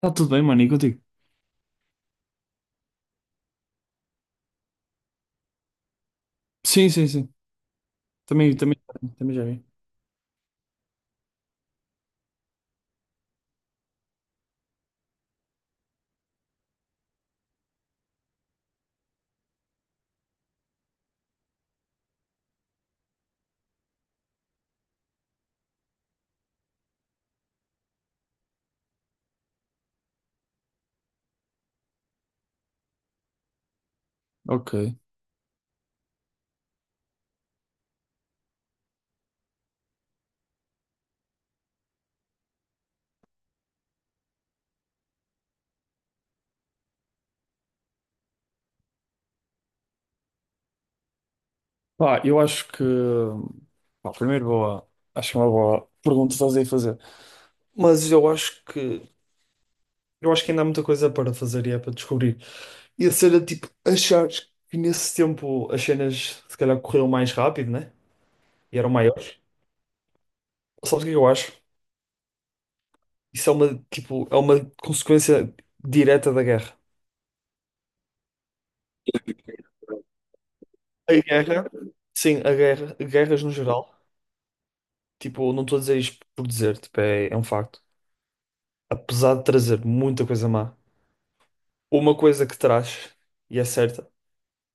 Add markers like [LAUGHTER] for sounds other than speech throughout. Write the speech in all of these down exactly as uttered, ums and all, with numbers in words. Tá tudo bem, mano, e contigo? Sim, sim, sim. Também, também, também já vi. Ok. Pá, eu acho que. Pá, primeiro, boa. Acho que é uma boa pergunta fazer e fazer. Mas eu acho que. Eu acho que ainda há muita coisa para fazer e é para descobrir. E a cena, tipo, achares que nesse tempo as cenas se calhar corriam mais rápido, né? E eram maiores. Sabes o que é que eu acho? Isso é uma, tipo, é uma consequência direta da guerra. A guerra, sim, a guerra, guerras no geral. Tipo, não estou a dizer isto por dizer, tipo, é, é um facto. Apesar de trazer muita coisa má, uma coisa que traz, e é certa,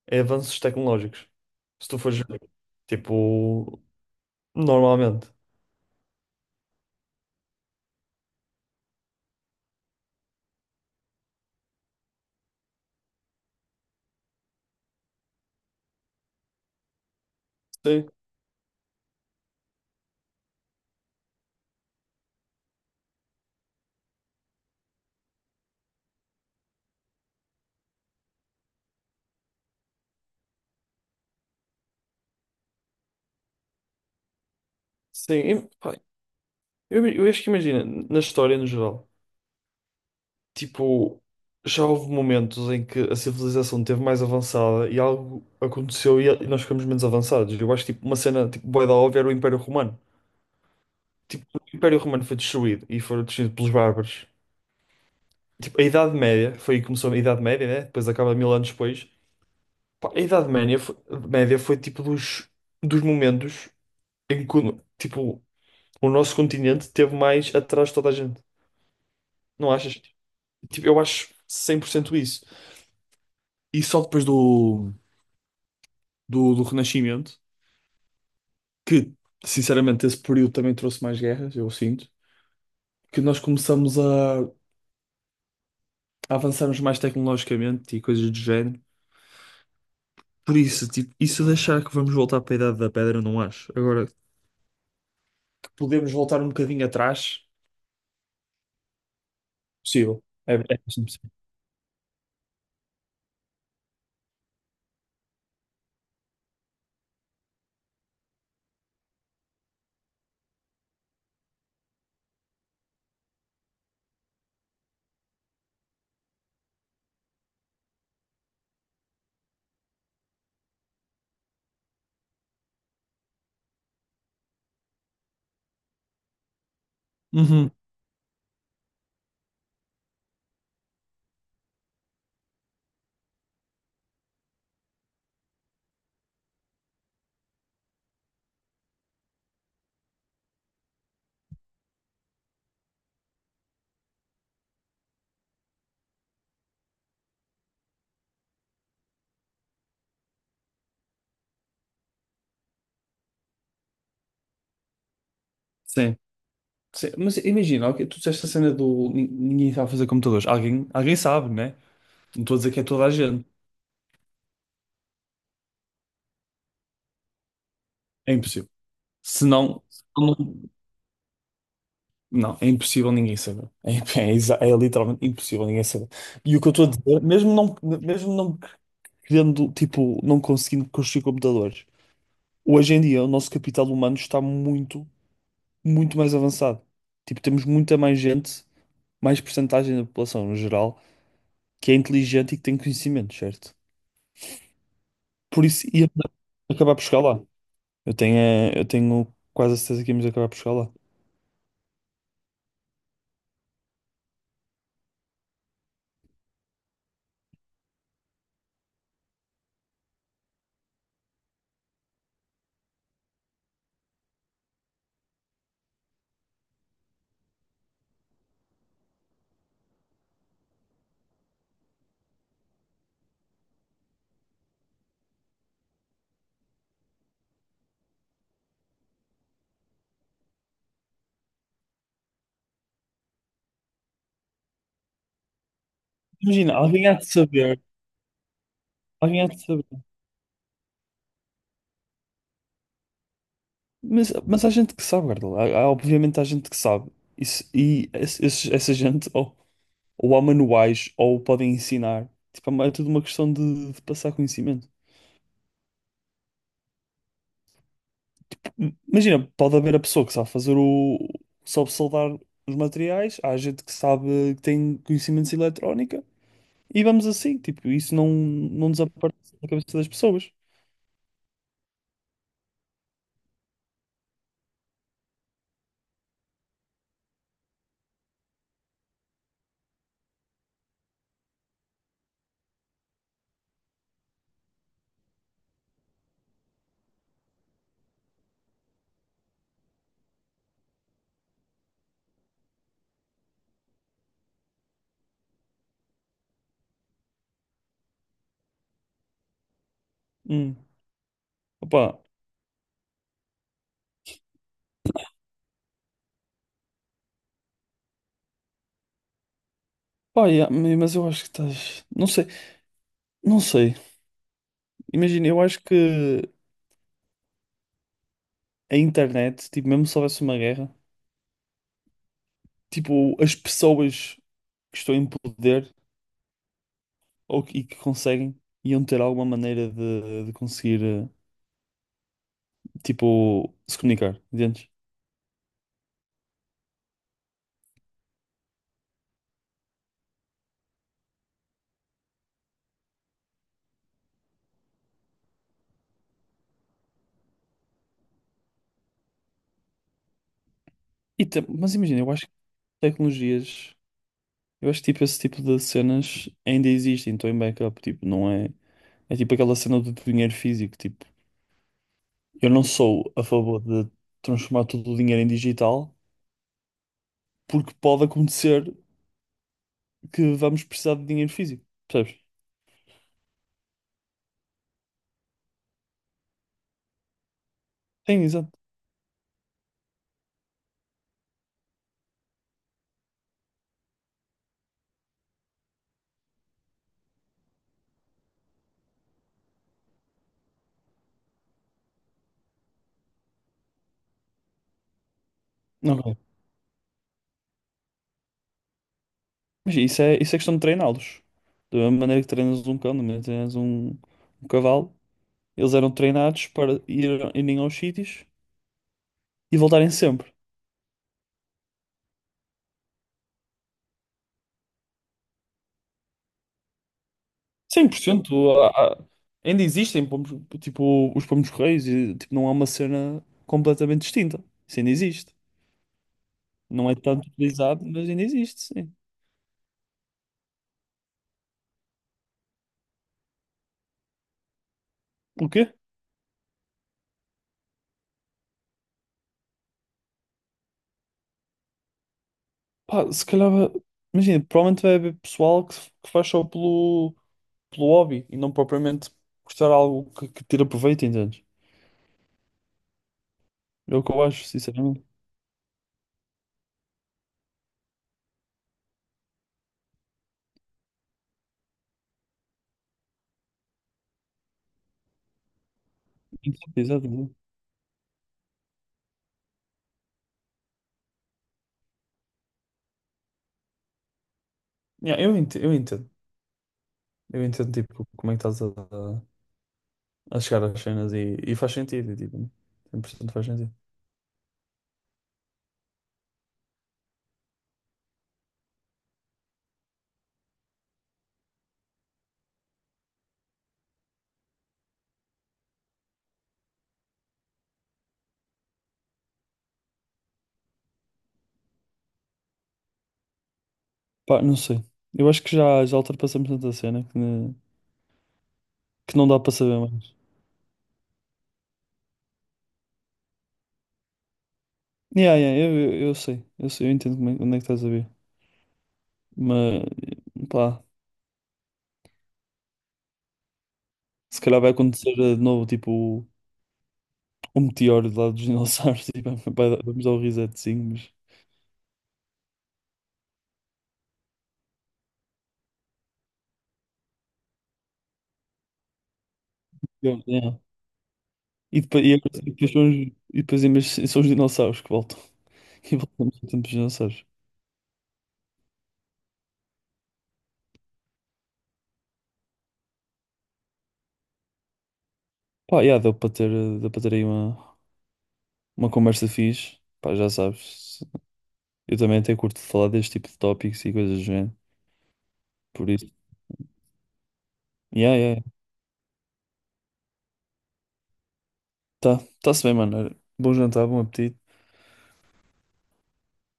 é avanços tecnológicos. Se tu fores ver, tipo, normalmente. Sim, sim. E, pá, Eu, eu acho que imagina, na história no geral, tipo, já houve momentos em que a civilização esteve mais avançada e algo aconteceu e, e nós ficamos menos avançados. Eu acho que tipo, uma cena tipo, bué da óbvia era o Império Romano. Tipo, o Império Romano foi destruído e foi destruído pelos bárbaros. Tipo, a Idade Média, foi aí que começou a Idade Média, né? Depois acaba mil anos depois. Pá, a Idade Média foi, Média foi tipo dos, dos momentos em que o- tipo, o nosso continente teve mais atrás de toda a gente. Não achas? Tipo, eu acho cem por cento isso. E só depois do, do, do Renascimento, que sinceramente esse período também trouxe mais guerras, eu sinto, que nós começamos a, a avançarmos mais tecnologicamente e coisas do género. Por isso, tipo, isso de achar que vamos voltar para a Idade da Pedra, não acho. Agora, podemos voltar um bocadinho atrás, possível. É, é bastante possível. Uhum. Sim. Sim. Mas imagina, ok, tu disseste a cena do nin- ninguém sabe fazer computadores. Alguém, alguém sabe, né? Não estou a dizer que é toda a gente. É impossível. Se não, se não, não, é impossível ninguém saber. É, é exa- é literalmente impossível ninguém saber. E o que eu estou a dizer, mesmo não, mesmo não querendo, tipo, não conseguindo construir computadores, hoje em dia o nosso capital humano está muito, muito mais avançado. Tipo, temos muita mais gente mais percentagem da população no geral que é inteligente e que tem conhecimento, certo? Por isso ia acabar por chegar lá. Eu tenho, eh, eu tenho quase a certeza que íamos acabar por chegar lá. Imagina, alguém há de saber, alguém há de saber. Mas, mas há gente que sabe, Gardel. Há- há- obviamente há gente que sabe. Isso, e esse- esses- essa gente ou, ou há manuais ou podem ensinar. Tipo, é tudo uma questão de de passar conhecimento. Imagina, pode haver a pessoa que sabe fazer o. Sabe soldar os materiais, há gente que sabe que tem conhecimentos de eletrónica e vamos assim, tipo, isso não, não desaparece da cabeça das pessoas. Hum. Opa, pá, yeah, ma- mas eu acho que estás. Não sei, não sei. Imagina, eu acho que a internet, tipo, mesmo se houvesse uma guerra, tipo, as pessoas que estão em poder ou que, e que conseguem iam ter alguma maneira de, de conseguir, eh, tipo, se comunicar, entendes? E tam- mas imagina, eu acho que tecnologias, eu acho que tipo, esse tipo de cenas ainda existem, estão em backup, tipo, não é? É tipo aquela cena do dinheiro físico, tipo, eu não sou a favor de transformar todo o dinheiro em digital, porque pode acontecer que vamos precisar de dinheiro físico, percebes? Sim, exato. Ok. Mas isso é, isso é questão de treiná-los. Da mesma maneira que treinas um cão, da maneira que treinas um, um cavalo, eles eram treinados para ir, irem aos sítios e voltarem sempre. cem por cento. há- há- Ainda existem pomos, tipo, os pomos-correios e tipo, não é uma cena completamente distinta. Isso ainda existe. Não é tanto utilizado, mas ainda existe, sim. O quê? Pá, se calhar, vai- imagina, provavelmente vai haver pessoal que, que faz só pelo, pelo hobby e não propriamente gostar de algo que, que tira proveito, entendes? É o que eu acho, sinceramente. Exato, exato. exato. Yeah, eu entendo, eu entendo. Eu entendo, tipo, como é que estás a, a chegar às cenas e, e faz sentido, e, tipo, cem por cento faz sentido. Pá, não sei. Eu acho que já, já ultrapassamos tanta cena que, ne- que não dá para saber mais. Yeah, yeah, eu, eu, eu sei. Eu sei, eu entendo como é- onde é que estás a ver. Mas, pá, se calhar vai acontecer eh, de novo, tipo, um meteoro do lado dos dinossauros. [LAUGHS] E vai- vai dar- vamos dar o resetzinho, mas... Eu- yeah. E depois, e depois, são os, e depois em vez- são os dinossauros que voltam. [LAUGHS] E voltamos ao tempo dos dinossauros. Pá, yeah, deu para ter, eh, deu para ter aí uma, uma conversa fixe. Pá, já sabes. Eu também até curto de falar deste tipo de tópicos e coisas do género. Por isso. Yeah, yeah. yeah. Tá, tá-se bem, mano. Olha, bom jantar, bom apetite.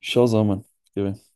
Tchauzão, mano. Fica bem.